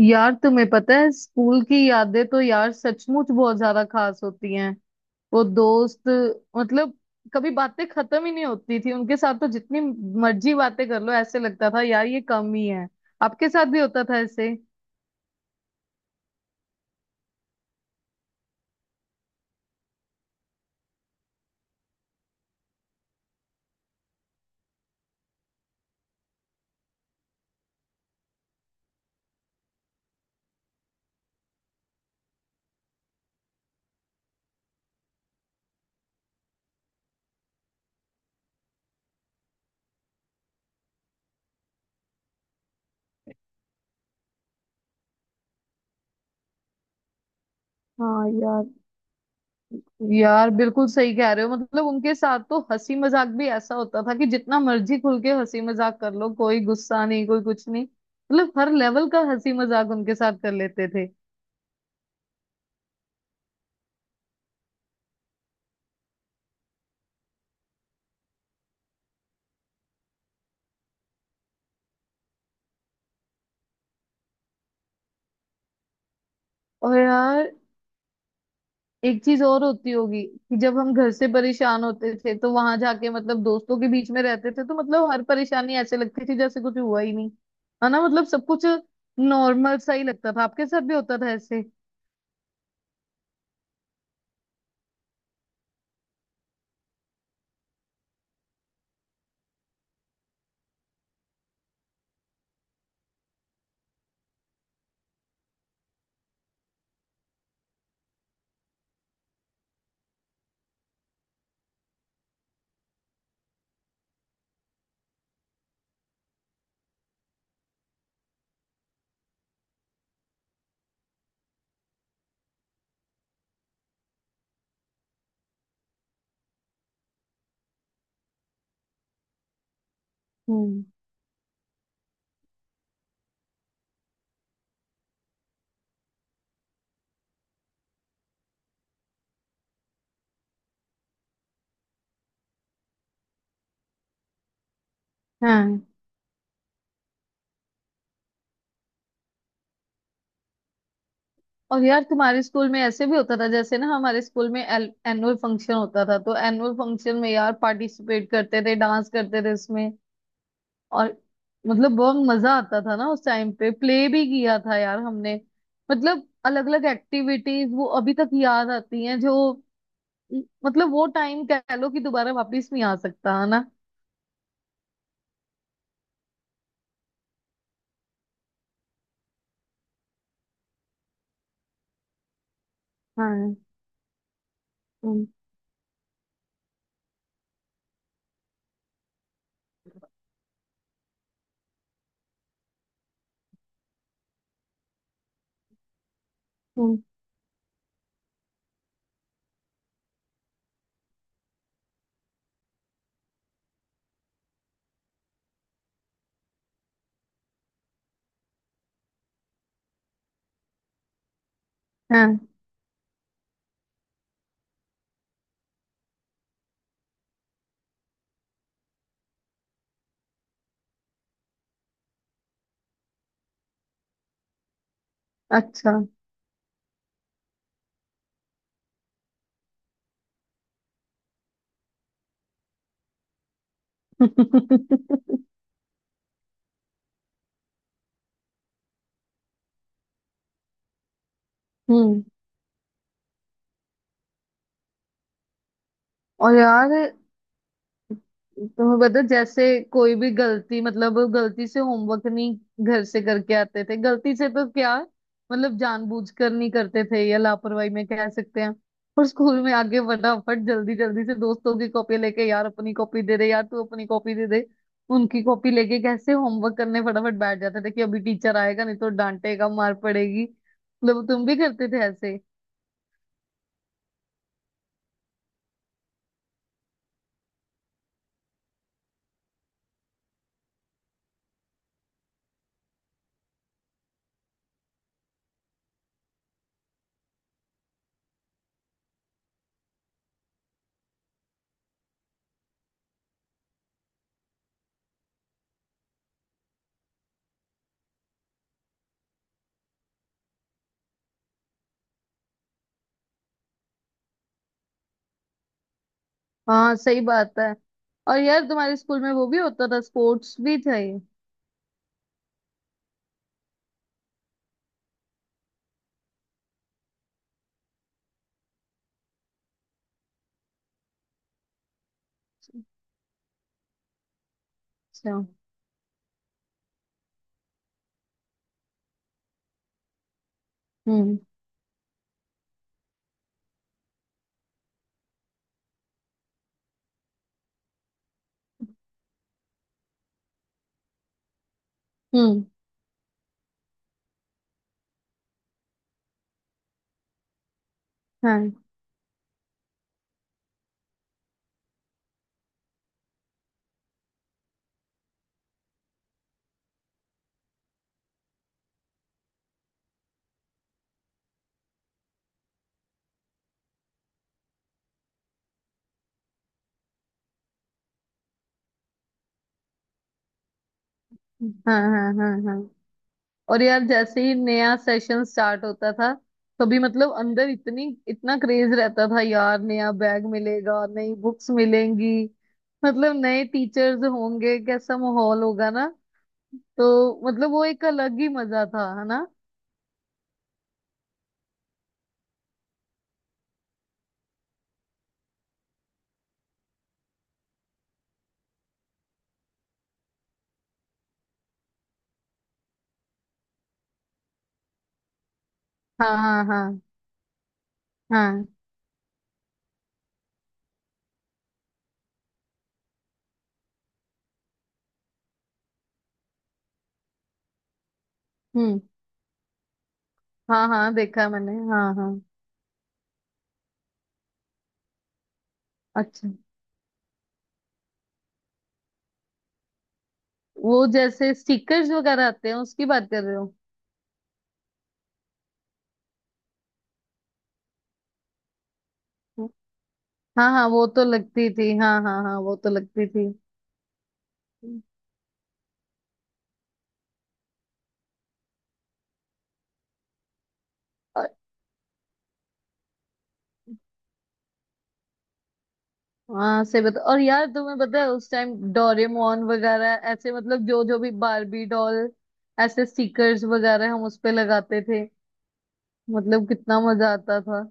यार तुम्हें पता है स्कूल की यादें तो यार सचमुच बहुत ज्यादा खास होती हैं। वो दोस्त, मतलब कभी बातें खत्म ही नहीं होती थी उनके साथ। तो जितनी मर्जी बातें कर लो ऐसे लगता था यार ये कम ही है। आपके साथ भी होता था ऐसे? हाँ यार। यार बिल्कुल सही कह रहे हो, मतलब उनके साथ तो हंसी मजाक भी ऐसा होता था कि जितना मर्जी खुल के हंसी मजाक कर लो, कोई गुस्सा नहीं, कोई कुछ नहीं। मतलब हर लेवल का हंसी मजाक उनके साथ कर लेते थे। और यार एक चीज और होती होगी कि जब हम घर से परेशान होते थे तो वहां जाके, मतलब दोस्तों के बीच में रहते थे तो मतलब हर परेशानी ऐसे लगती थी जैसे कुछ हुआ ही नहीं। है ना, मतलब सब कुछ नॉर्मल सा ही लगता था। आपके साथ भी होता था ऐसे? हम्म। हाँ। और यार तुम्हारे स्कूल में ऐसे भी होता था जैसे ना हमारे स्कूल में एल एनुअल फंक्शन होता था, तो एनुअल फंक्शन में यार पार्टिसिपेट करते थे, डांस करते थे उसमें। और मतलब बहुत मजा आता था ना उस टाइम पे। प्ले भी किया था यार हमने। मतलब अलग अलग एक्टिविटीज वो अभी तक याद आती हैं जो, मतलब वो टाइम कह लो कि दोबारा वापस नहीं आ सकता है ना। हाँ। हम्म। हम्म, हाँ। अच्छा। हम्म। और यार तुम्हें पता है, जैसे कोई भी गलती, मतलब गलती से होमवर्क नहीं घर से करके आते थे गलती से तो क्या, मतलब जानबूझ कर नहीं करते थे या लापरवाही में कह सकते हैं। और स्कूल में आके फटाफट जल्दी जल्दी से दोस्तों की कॉपी लेके, यार अपनी कॉपी दे दे, यार तू अपनी कॉपी दे दे। उनकी कॉपी लेके कैसे होमवर्क करने फटाफट बैठ जाते थे कि अभी टीचर आएगा नहीं तो डांटेगा, मार पड़ेगी। मतलब तुम भी करते थे ऐसे? हाँ सही बात है। और यार तुम्हारे स्कूल में वो भी होता था, स्पोर्ट्स भी थे? अच्छा। हम्म। हम्म। हाँ हाँ हाँ हाँ। हाँ। और यार जैसे ही नया सेशन स्टार्ट होता था तभी मतलब अंदर इतनी इतना क्रेज रहता था यार, नया बैग मिलेगा, नई बुक्स मिलेंगी, मतलब नए टीचर्स होंगे, कैसा माहौल होगा ना। तो मतलब वो एक अलग ही मजा था है ना। हाँ हाँ हाँ हाँ। हम्म। हाँ हाँ देखा है मैंने, हाँ हाँ। अच्छा, वो जैसे स्टिकर्स वगैरह आते हैं उसकी बात कर रहे हो? हाँ हाँ वो तो लगती थी, हाँ हाँ हाँ वो तो लगती थी। और हाँ से बता। और यार तुम्हें पता है उस टाइम डोरेमोन वगैरह ऐसे, मतलब जो जो भी बारबी डॉल, ऐसे स्टिकर्स वगैरह हम उस पे लगाते थे। मतलब कितना मजा आता था।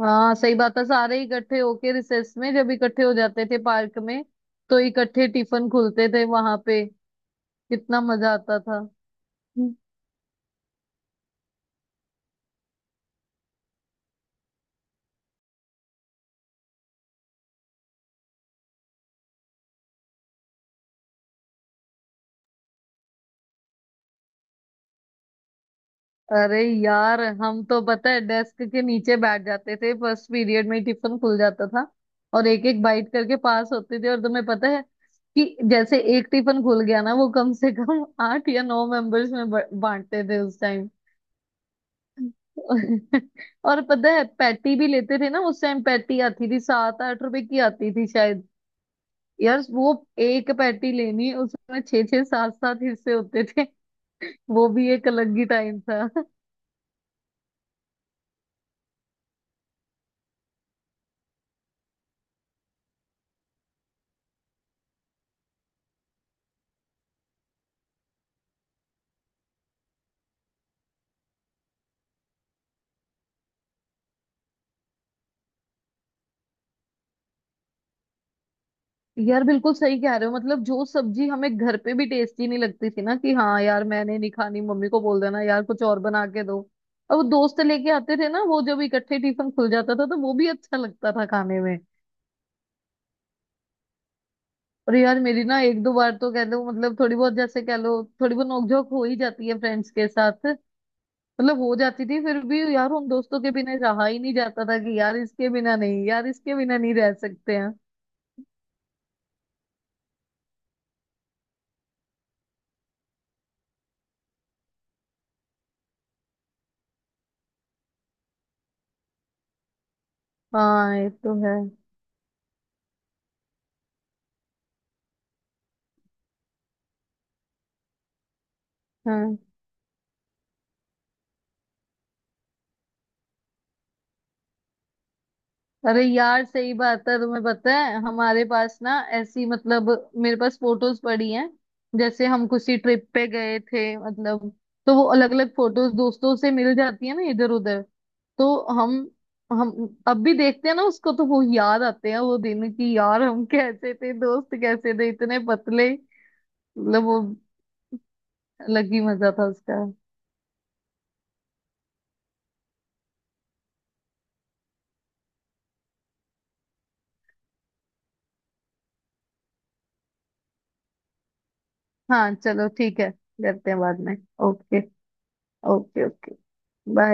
हाँ सही बात है, सारे इकट्ठे होके रिसेस में जब इकट्ठे हो जाते थे पार्क में तो इकट्ठे टिफिन खुलते थे वहां पे। कितना मजा आता था। अरे यार हम तो पता है डेस्क के नीचे बैठ जाते थे, फर्स्ट पीरियड में ही टिफिन खुल जाता था। और एक एक बाइट करके पास होते थे। और तुम्हें पता है कि जैसे एक टिफिन खुल गया ना वो कम से कम आठ या नौ मेंबर्स में बांटते थे उस टाइम। और पता है पैटी भी लेते थे ना उस टाइम। पैटी आती थी सात आठ रुपए की आती थी शायद। यार वो एक पैटी लेनी उसमें छह छह सात सात हिस्से होते थे। वो भी एक अलग ही टाइम था। यार बिल्कुल सही कह रहे हो, मतलब जो सब्जी हमें घर पे भी टेस्टी नहीं लगती थी ना कि हाँ यार मैंने नहीं खानी, मम्मी को बोल देना यार कुछ और बना के दो। अब वो दोस्त लेके आते थे ना, वो जब इकट्ठे टिफिन खुल जाता था तो वो भी अच्छा लगता था खाने में। और यार मेरी ना एक दो बार तो कह लो मतलब थोड़ी बहुत जैसे कह लो थोड़ी बहुत नोकझोंक हो ही जाती है फ्रेंड्स के साथ। मतलब हो जाती थी, फिर भी यार उन दोस्तों के बिना रहा ही नहीं जाता था कि यार इसके बिना नहीं, यार इसके बिना नहीं रह सकते हैं। हाँ ये तो है। हाँ। अरे यार सही बात है। तुम्हें पता है हमारे पास ना ऐसी, मतलब मेरे पास फोटोज पड़ी हैं, जैसे हम किसी ट्रिप पे गए थे मतलब, तो वो अलग अलग फोटोज दोस्तों से मिल जाती है ना इधर उधर। तो हम हम अब भी देखते हैं ना उसको तो वो याद आते हैं वो दिन की यार हम कैसे थे, दोस्त कैसे थे इतने पतले, मतलब वो अलग ही मजा था उसका। हाँ चलो ठीक है, करते हैं बाद में। ओके। Okay okay. बाय।